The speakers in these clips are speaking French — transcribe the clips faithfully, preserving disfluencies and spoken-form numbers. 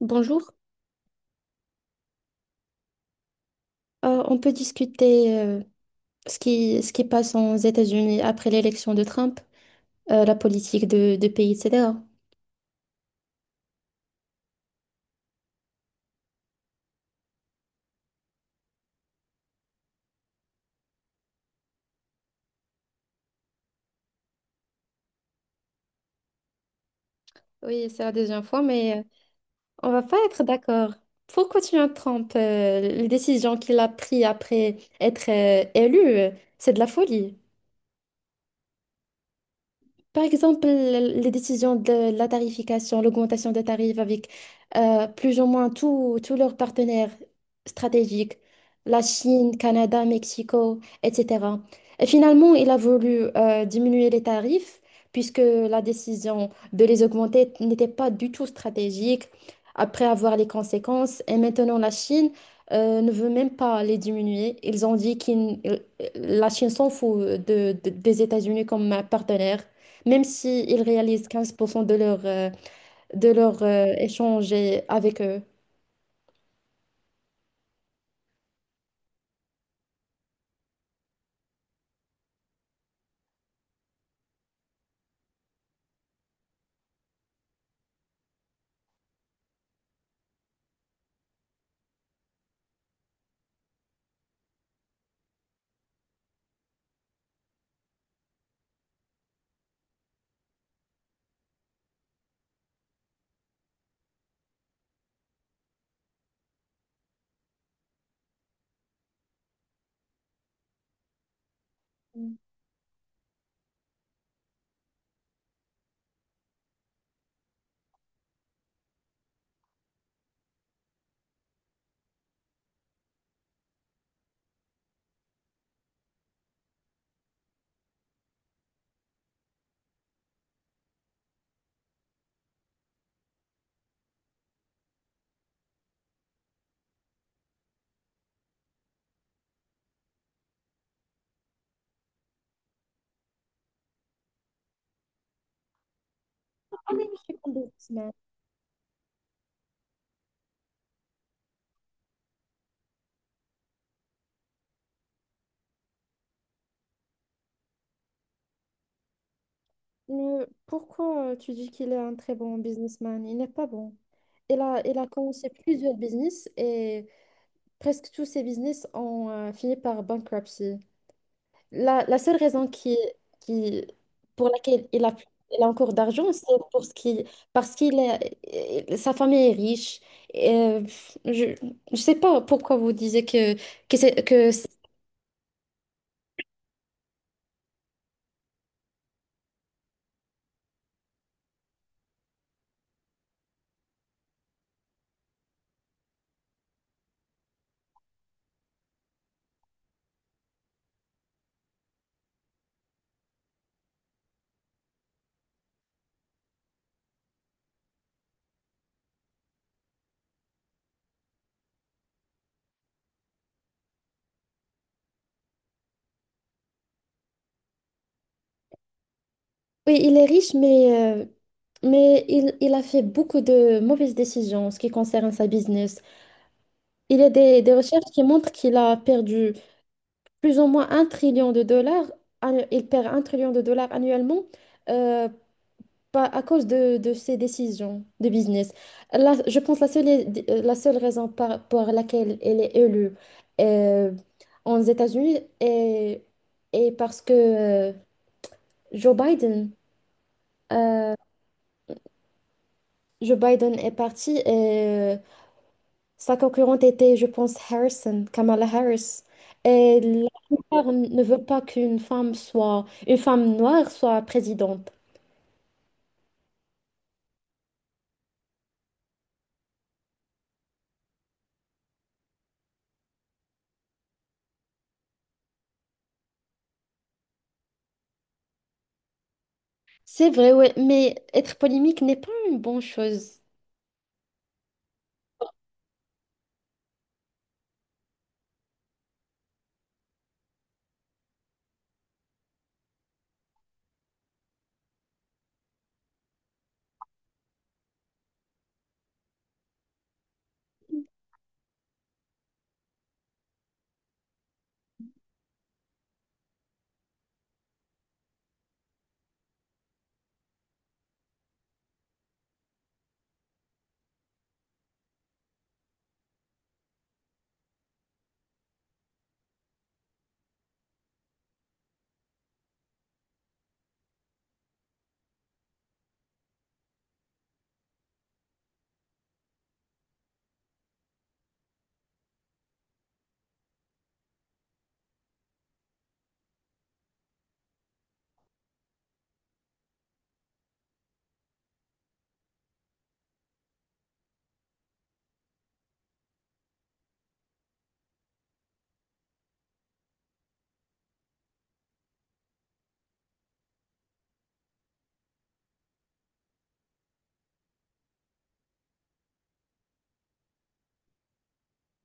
Bonjour. Euh, on peut discuter euh, ce qui, ce qui passe aux États-Unis après l'élection de Trump, euh, la politique de, de pays, et cetera. Oui, c'est la deuxième fois, mais euh, on va pas être d'accord. Pourquoi tu Trump, euh, les décisions qu'il a prises après être euh, élu, euh, c'est de la folie. Par exemple, l- les décisions de la tarification, l'augmentation des tarifs avec euh, plus ou moins tous tous leurs partenaires stratégiques, la Chine, Canada, Mexico, et cetera. Et finalement, il a voulu euh, diminuer les tarifs puisque la décision de les augmenter n'était pas du tout stratégique après avoir les conséquences. Et maintenant, la Chine euh, ne veut même pas les diminuer. Ils ont dit que la Chine s'en fout de- de- des États-Unis comme partenaire même si ils réalisent quinze pour cent de leur, euh, de leur euh, échange et- avec eux. Ah, mais je suis un businessman. Mais pourquoi euh, tu dis qu'il est un très bon businessman? Il n'est pas bon. Il a, il a commencé plusieurs business et presque tous ses business ont euh, fini par bankruptcy. La, la seule raison qui, qui, pour laquelle il a, il a encore d'argent, c'est pour ce qui, parce qu'il est, sa famille est riche. Et, je ne sais pas pourquoi vous disiez que, que, c'est- que c'est- oui, il est riche, mais, euh, mais il, il a fait beaucoup de mauvaises décisions en ce qui concerne sa business. Il y a des, des recherches qui montrent qu'il a perdu plus ou moins un trillion de dollars. annu- Il perd un trillion de dollars annuellement, euh, pas à cause de, de ces décisions de business. Là, je pense la seule, la seule raison par- pour laquelle elle est élue euh, aux États-Unis est, est parce que euh, Joe Biden, euh, Joe Biden est parti et euh, sa concurrente était, je pense, Harrison, Kamala Harris. Et la plupart ne veut pas qu'une femme soit, une femme noire soit présidente. C'est vrai, ouais, mais être polémique n'est pas une bonne chose.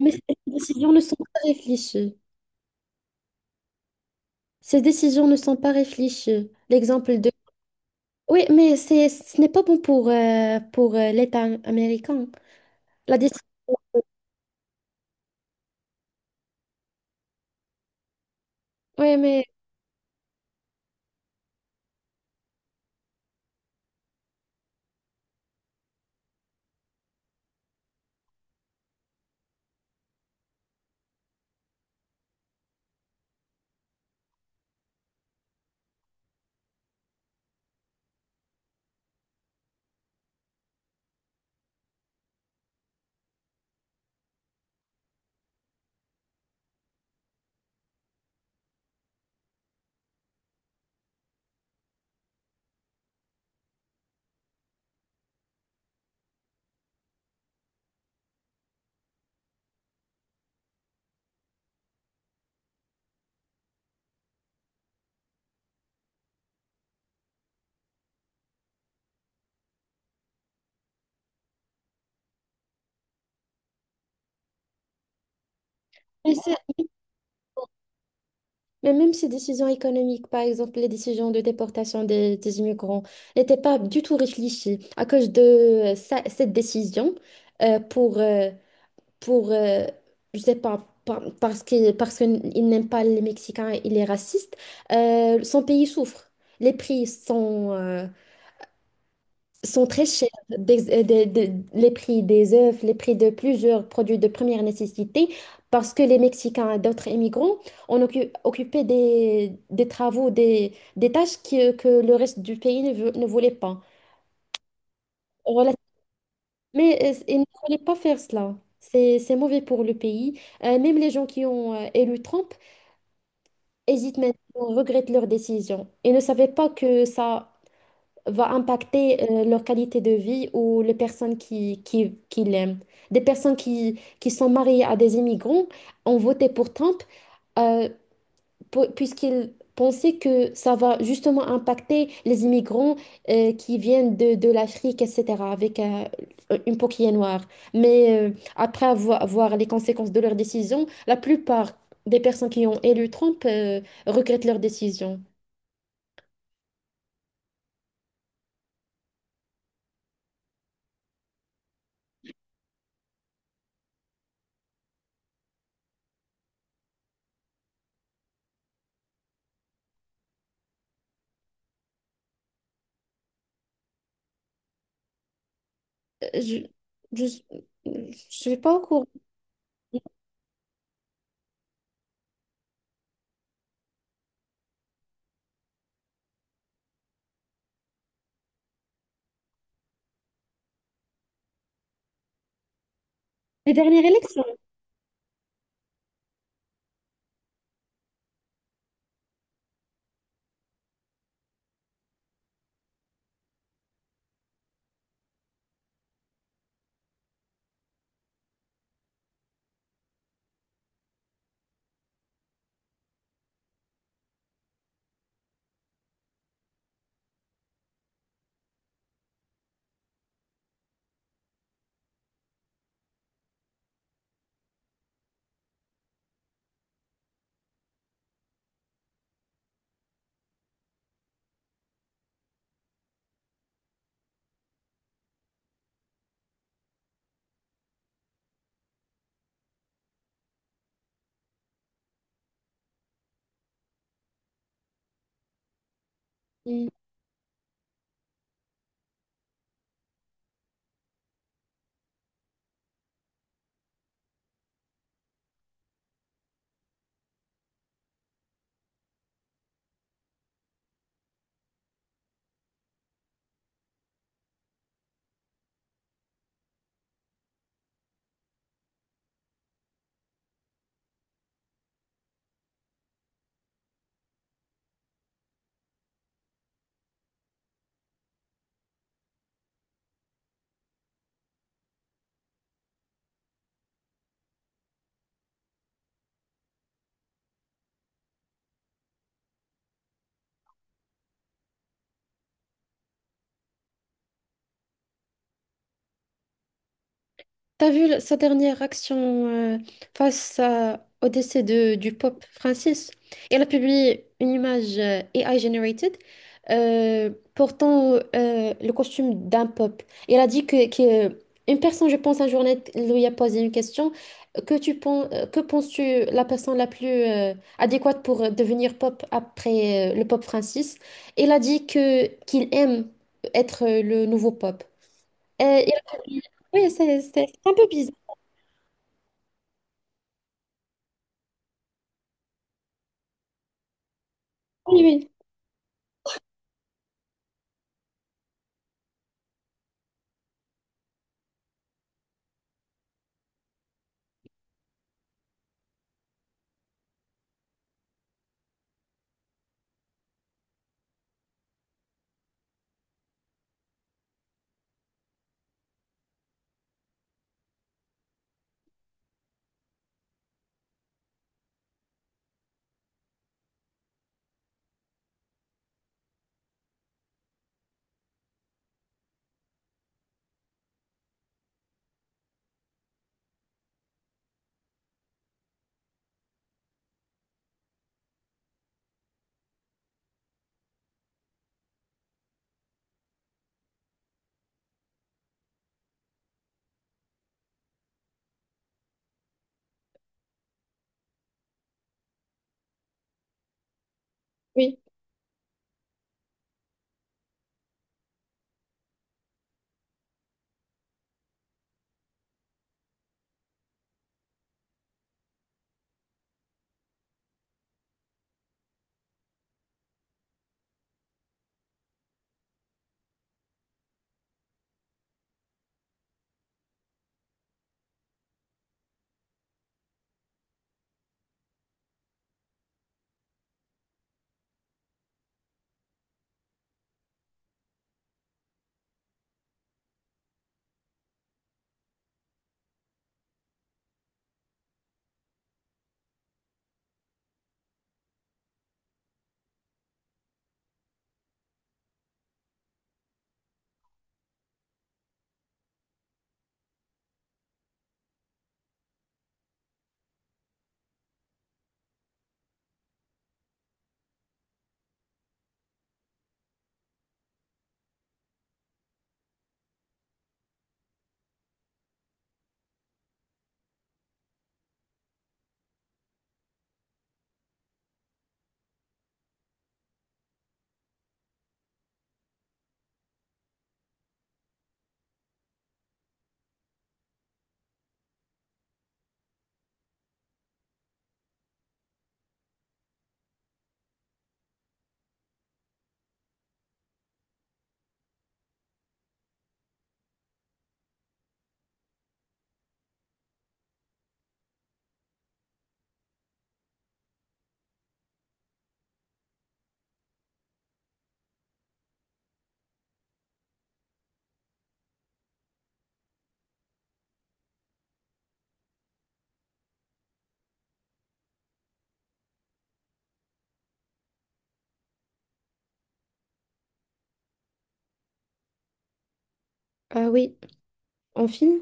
Mais ces décisions ne sont pas réfléchies. Ces décisions ne sont pas réfléchies. L'exemple de... Oui, mais c'est, ce n'est pas bon pour, euh, pour euh, l'État américain. La décision... Oui, mais, mais, c'est- mais même ces décisions économiques, par exemple, les décisions de déportation des, des immigrants, n'étaient pas du tout réfléchies. À cause de euh, ça- cette décision, euh, pour, euh, pour, euh, je sais pas, par- parce qu'il parce qu'il n'aime pas les Mexicains, il est raciste, euh, son pays souffre. Les prix sont, euh, sont très chers. Des- euh, des- des- les prix des œufs, les prix de plusieurs produits de première nécessité, parce que les Mexicains et d'autres immigrants ont occu- occupé des, des travaux, des, des tâches que, que le reste du pays ne, veut- ne voulait pas. Mais euh, il ne fallait pas faire cela. C'est, c'est mauvais pour le pays. Euh, même les gens qui ont euh, élu Trump hésitent maintenant, regrettent leur décision et ne savaient pas que ça va impacter euh, leur qualité de vie ou les personnes qui, qui, qui l'aiment. Des personnes qui, qui sont mariées à des immigrants ont voté pour Trump. Euh, pu- Puisqu'il pensait que ça va justement impacter les immigrants euh, qui viennent de, de l'Afrique, et cetera, avec euh, une peau qui est noire. Mais euh, après avoir, voir les conséquences de leur décision, la plupart des personnes qui ont élu Trump euh, regrettent leur décision. Euh, Je, je, je suis pas au courant. Les dernières élections. T'as vu le- sa dernière action euh, face à- au décès de, du pape Francis? Elle a publié une image euh, A I generated euh, portant euh, le costume d'un pape. Et elle a dit que, que euh, une personne, je pense, un journal lui a posé une question. Que tu penses, que penses-tu la personne la plus euh, adéquate pour euh, devenir pape après euh, le pape Francis? Elle a dit que qu'il aime être euh, le nouveau pape. Euh, il a publié- oui, c'est c'est- c'est un peu bizarre. Oui, oui, oui. Euh, oui, en film,